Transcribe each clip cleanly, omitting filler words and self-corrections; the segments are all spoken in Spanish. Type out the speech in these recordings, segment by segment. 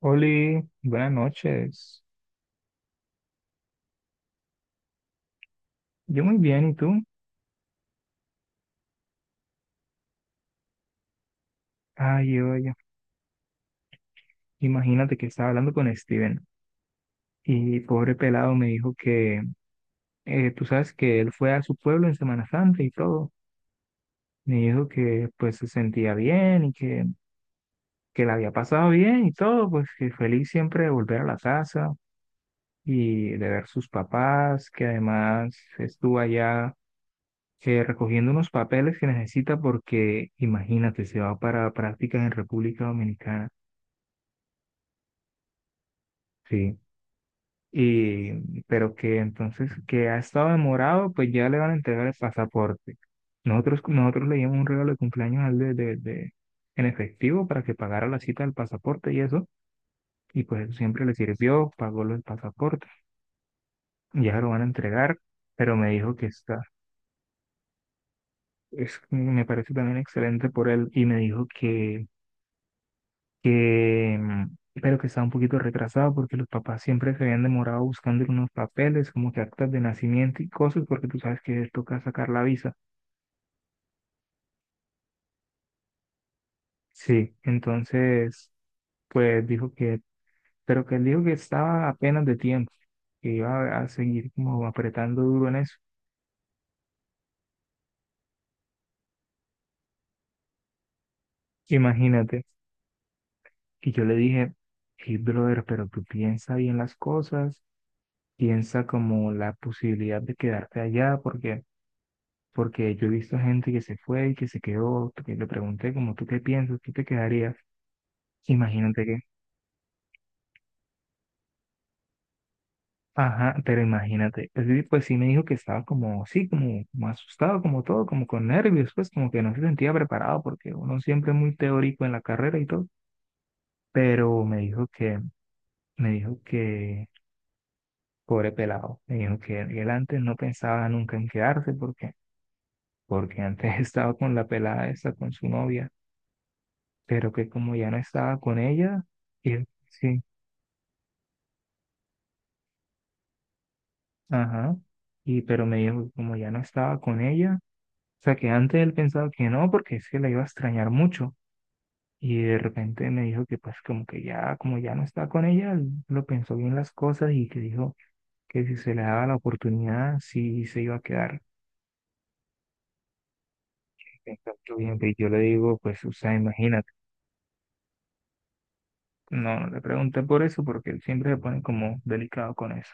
Oli, buenas noches. Yo muy bien, ¿y tú? Ay, oye, imagínate que estaba hablando con Steven y pobre pelado me dijo que, tú sabes que él fue a su pueblo en Semana Santa y todo. Me dijo que pues se sentía bien y que la había pasado bien y todo, pues que feliz siempre de volver a la casa y de ver sus papás, que además estuvo allá recogiendo unos papeles que necesita porque, imagínate, se va para prácticas en República Dominicana. Sí. Y pero que entonces que ha estado demorado, pues ya le van a entregar el pasaporte. Nosotros le dimos un regalo de cumpleaños al en efectivo para que pagara la cita del pasaporte y eso, y pues eso siempre le sirvió, pagó los pasaportes, ya lo van a entregar, pero me dijo que está, es, me parece también excelente por él, y me dijo que, pero que estaba un poquito retrasado porque los papás siempre se habían demorado buscando unos papeles, como que actas de nacimiento y cosas, porque tú sabes que les toca sacar la visa. Sí, entonces, pues dijo que, pero que él dijo que estaba apenas de tiempo, que iba a seguir como apretando duro en eso. Imagínate. Y yo le dije, hey, brother, pero tú piensa bien las cosas, piensa como la posibilidad de quedarte allá, porque porque yo he visto gente que se fue y que se quedó, que le pregunté como, ¿tú qué piensas? ¿Tú te quedarías? Imagínate que, ajá, pero imagínate. Es decir, pues sí me dijo que estaba como, sí, como asustado, como todo, como con nervios, pues como que no se sentía preparado, porque uno siempre es muy teórico en la carrera y todo, pero me dijo que, me dijo que, pobre pelado, me dijo que él antes no pensaba nunca en quedarse, porque, porque antes estaba con la pelada esa, con su novia, pero que como ya no estaba con ella, él sí. Ajá. Y pero me dijo que como ya no estaba con ella, o sea que antes él pensaba que no, porque es que la iba a extrañar mucho. Y de repente me dijo que pues como que ya, como ya no está con ella, él lo pensó bien las cosas y que dijo que si se le daba la oportunidad, sí se iba a quedar. Entonces, yo bien, pues, yo le digo, pues, o sea, imagínate, no, no le pregunté por eso, porque él siempre se pone como delicado con eso.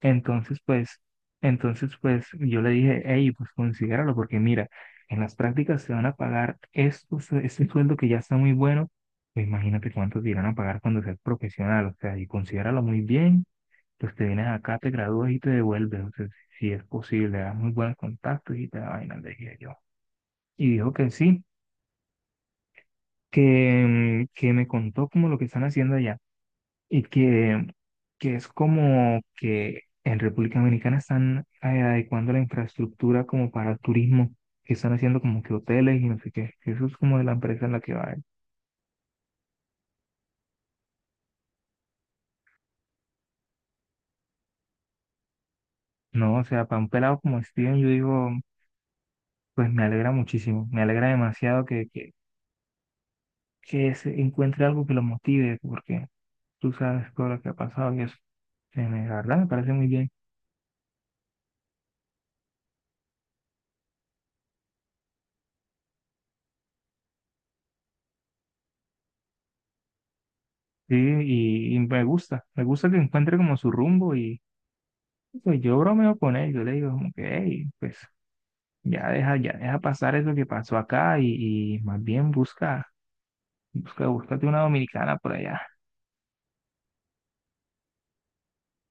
Entonces, pues, entonces, pues, yo le dije, hey, pues considéralo, porque mira, en las prácticas se van a pagar estos, este sueldo que ya está muy bueno, pues imagínate cuánto te irán a pagar cuando seas profesional, o sea, y considéralo muy bien, pues te vienes acá, te gradúas y te devuelves, o sea, si es posible, das muy buenos contactos y te da vaina, le dije yo. Y dijo que sí, que, mm, que me contó como lo que están haciendo allá. Y que es como que en República Dominicana están adecuando la infraestructura como para el turismo, que están haciendo como que hoteles y no sé qué, que eso es como de la empresa en la que va él. No, o sea, para un pelado como Steven, yo digo, pues me alegra muchísimo, me alegra demasiado que se encuentre algo que lo motive, porque tú sabes todo lo que ha pasado y eso. La verdad me parece muy bien. Sí, y me gusta que encuentre como su rumbo y pues yo bromeo con él, yo le digo como que, hey, pues ya deja, ya deja pasar eso que pasó acá y más bien busca, búscate una dominicana por allá.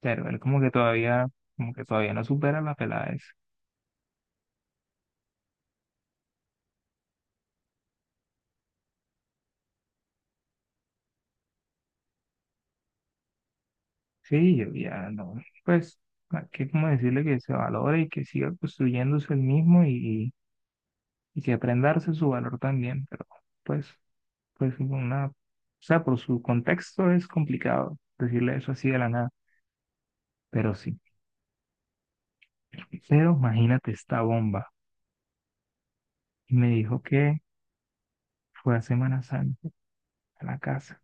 Pero él como que todavía no supera la pelada esa. Sí, yo ya no, pues, hay que como decirle que se valore y que siga construyéndose el mismo y que aprenda a darse su valor también, pero pues, o sea, por su contexto es complicado decirle eso así de la nada, pero sí. Pero imagínate esta bomba. Y me dijo que fue a Semana Santa, a la casa,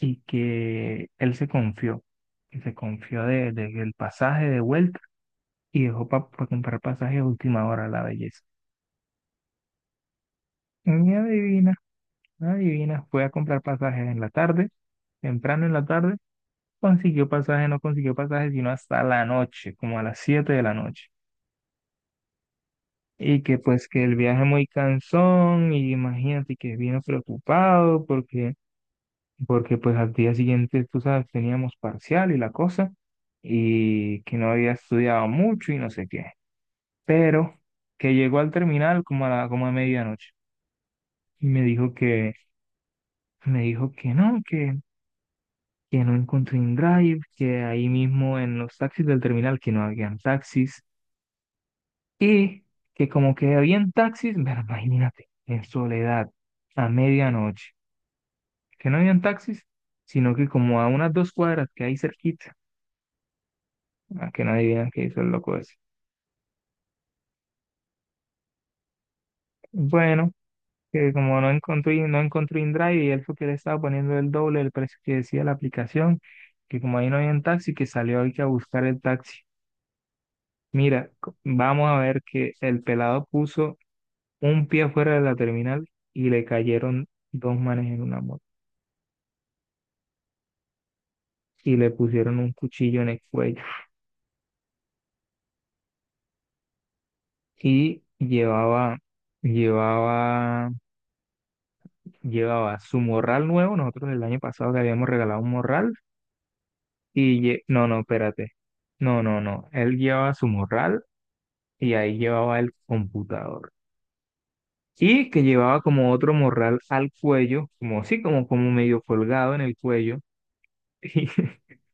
y que él se confió, que se confió del pasaje de vuelta y dejó para comprar pasajes a última hora a la belleza. Y adivina, adivina, fue a comprar pasajes en la tarde, temprano en la tarde, consiguió pasaje, no consiguió pasaje, sino hasta la noche, como a las 7 de la noche. Y que pues que el viaje muy cansón, y imagínate que vino preocupado porque porque pues al día siguiente, tú sabes, teníamos parcial y la cosa, y que no había estudiado mucho y no sé qué. Pero que llegó al terminal como a medianoche y me dijo que, no, que, no encontré en Drive, que ahí mismo en los taxis del terminal que no habían taxis y que como que habían taxis, pero imagínate, en soledad, a medianoche, que no habían taxis, sino que como a unas 2 cuadras que hay cerquita. Ah, que no adivinan qué hizo el loco ese. Bueno, que como no encontré, no encontré InDrive y él fue que le estaba poniendo el doble del precio que decía la aplicación, que como ahí no había un taxi, que salió hoy que a buscar el taxi. Mira, vamos a ver que el pelado puso un pie afuera de la terminal y le cayeron dos manes en una moto y le pusieron un cuchillo en el cuello y llevaba, llevaba, llevaba su morral nuevo. Nosotros el año pasado le habíamos regalado un morral. Y no, no, espérate. No, no, no. Él llevaba su morral y ahí llevaba el computador. Y que llevaba como otro morral al cuello, como así como medio colgado en el cuello,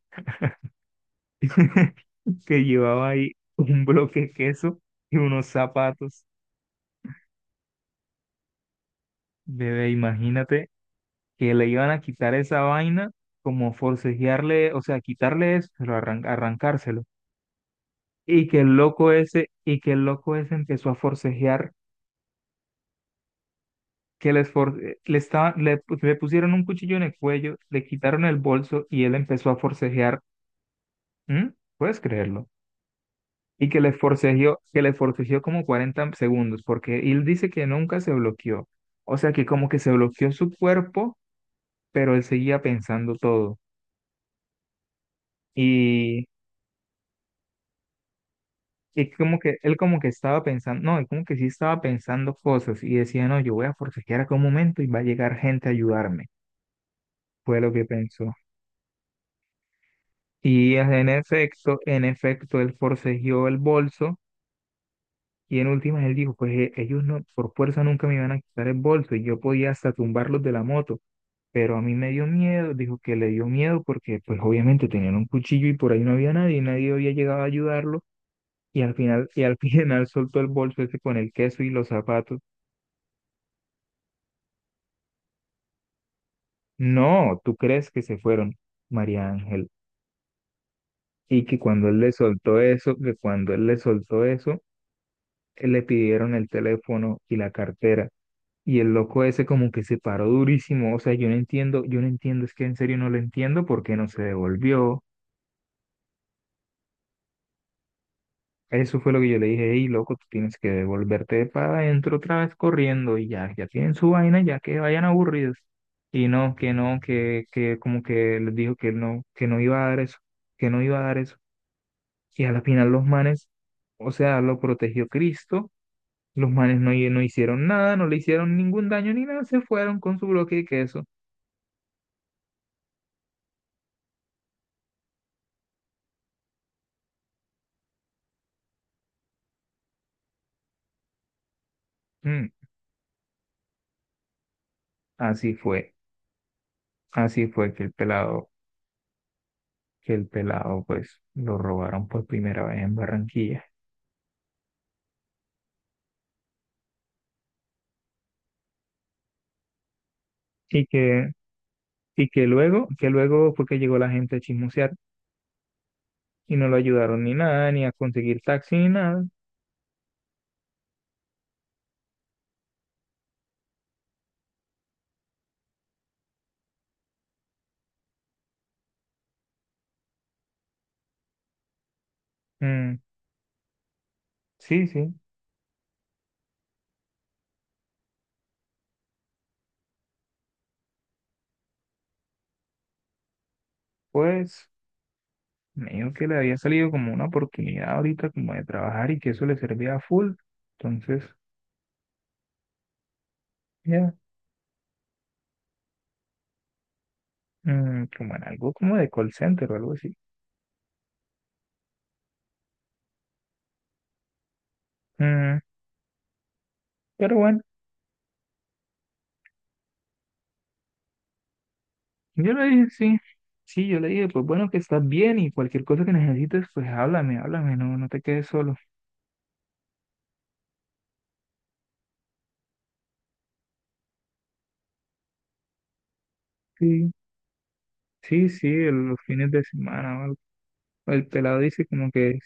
y que llevaba ahí un bloque de queso y unos zapatos. Bebé, imagínate que le iban a quitar esa vaina, como forcejearle, o sea, quitarle eso, pero arrancárselo. Y que el loco ese, y que el loco ese empezó a forcejear que les for- le, estaba- le, pu- le pusieron un cuchillo en el cuello, le quitaron el bolso y él empezó a forcejear. ¿Mm? ¿Puedes creerlo? Y que le forcejeó como 40 segundos, porque él dice que nunca se bloqueó. O sea que como que se bloqueó su cuerpo, pero él seguía pensando todo. Y, y como que él como que estaba pensando, no, él como que sí estaba pensando cosas y decía, no, yo voy a forcejear acá un momento y va a llegar gente a ayudarme. Fue lo que pensó. Y en efecto, él forcejeó el bolso y en últimas él dijo, pues ellos no, por fuerza nunca me iban a quitar el bolso y yo podía hasta tumbarlos de la moto, pero a mí me dio miedo, dijo que le dio miedo porque pues obviamente tenían un cuchillo y por ahí no había nadie, y nadie había llegado a ayudarlo y al final, y al final soltó el bolso ese con el queso y los zapatos. No, ¿tú crees que se fueron, María Ángel? Y que cuando él le soltó eso, que cuando él le soltó eso, le pidieron el teléfono y la cartera. Y el loco ese como que se paró durísimo, o sea, yo no entiendo, es que en serio no lo entiendo porque no se devolvió. Eso fue lo que yo le dije, hey, loco, tú tienes que devolverte para adentro otra vez corriendo y ya, ya tienen su vaina, ya que vayan aburridos. Y no, que no, que como que les dijo que no iba a dar eso, que no iba a dar eso. Y a la final los manes, o sea, lo protegió Cristo, los manes no, no hicieron nada, no le hicieron ningún daño ni nada, se fueron con su bloque de queso. Mm, así fue. Así fue que el pelado pues lo robaron por primera vez en Barranquilla. Y que, y que luego fue que llegó la gente a chismosear y no lo ayudaron ni nada, ni a conseguir taxi ni nada. Mm, sí, sí, pues me dijo que le había salido como una oportunidad ahorita como de trabajar y que eso le servía a full. Entonces, ya, como en algo como de call center o algo así. Mm, pero bueno. Yo le dije, sí, sí, yo le dije, pues bueno, que estás bien y cualquier cosa que necesites, pues háblame, háblame, no, no te quedes solo. Sí, sí, sí, los fines de semana, o algo. El pelado dice como que,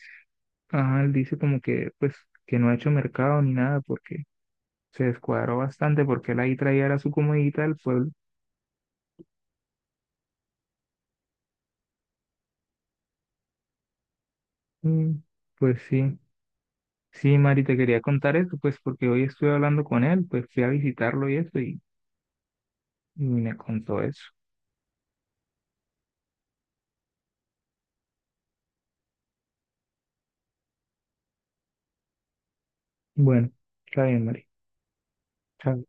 ajá, él dice como que, pues, que no ha hecho mercado ni nada porque se descuadró bastante porque él ahí traía era su comodita del pueblo. Mm, pues sí, sí, Mari, te quería contar esto, pues, porque hoy estuve hablando con él, pues fui a visitarlo y eso y me contó eso. Bueno, está bien, Mari. Chao.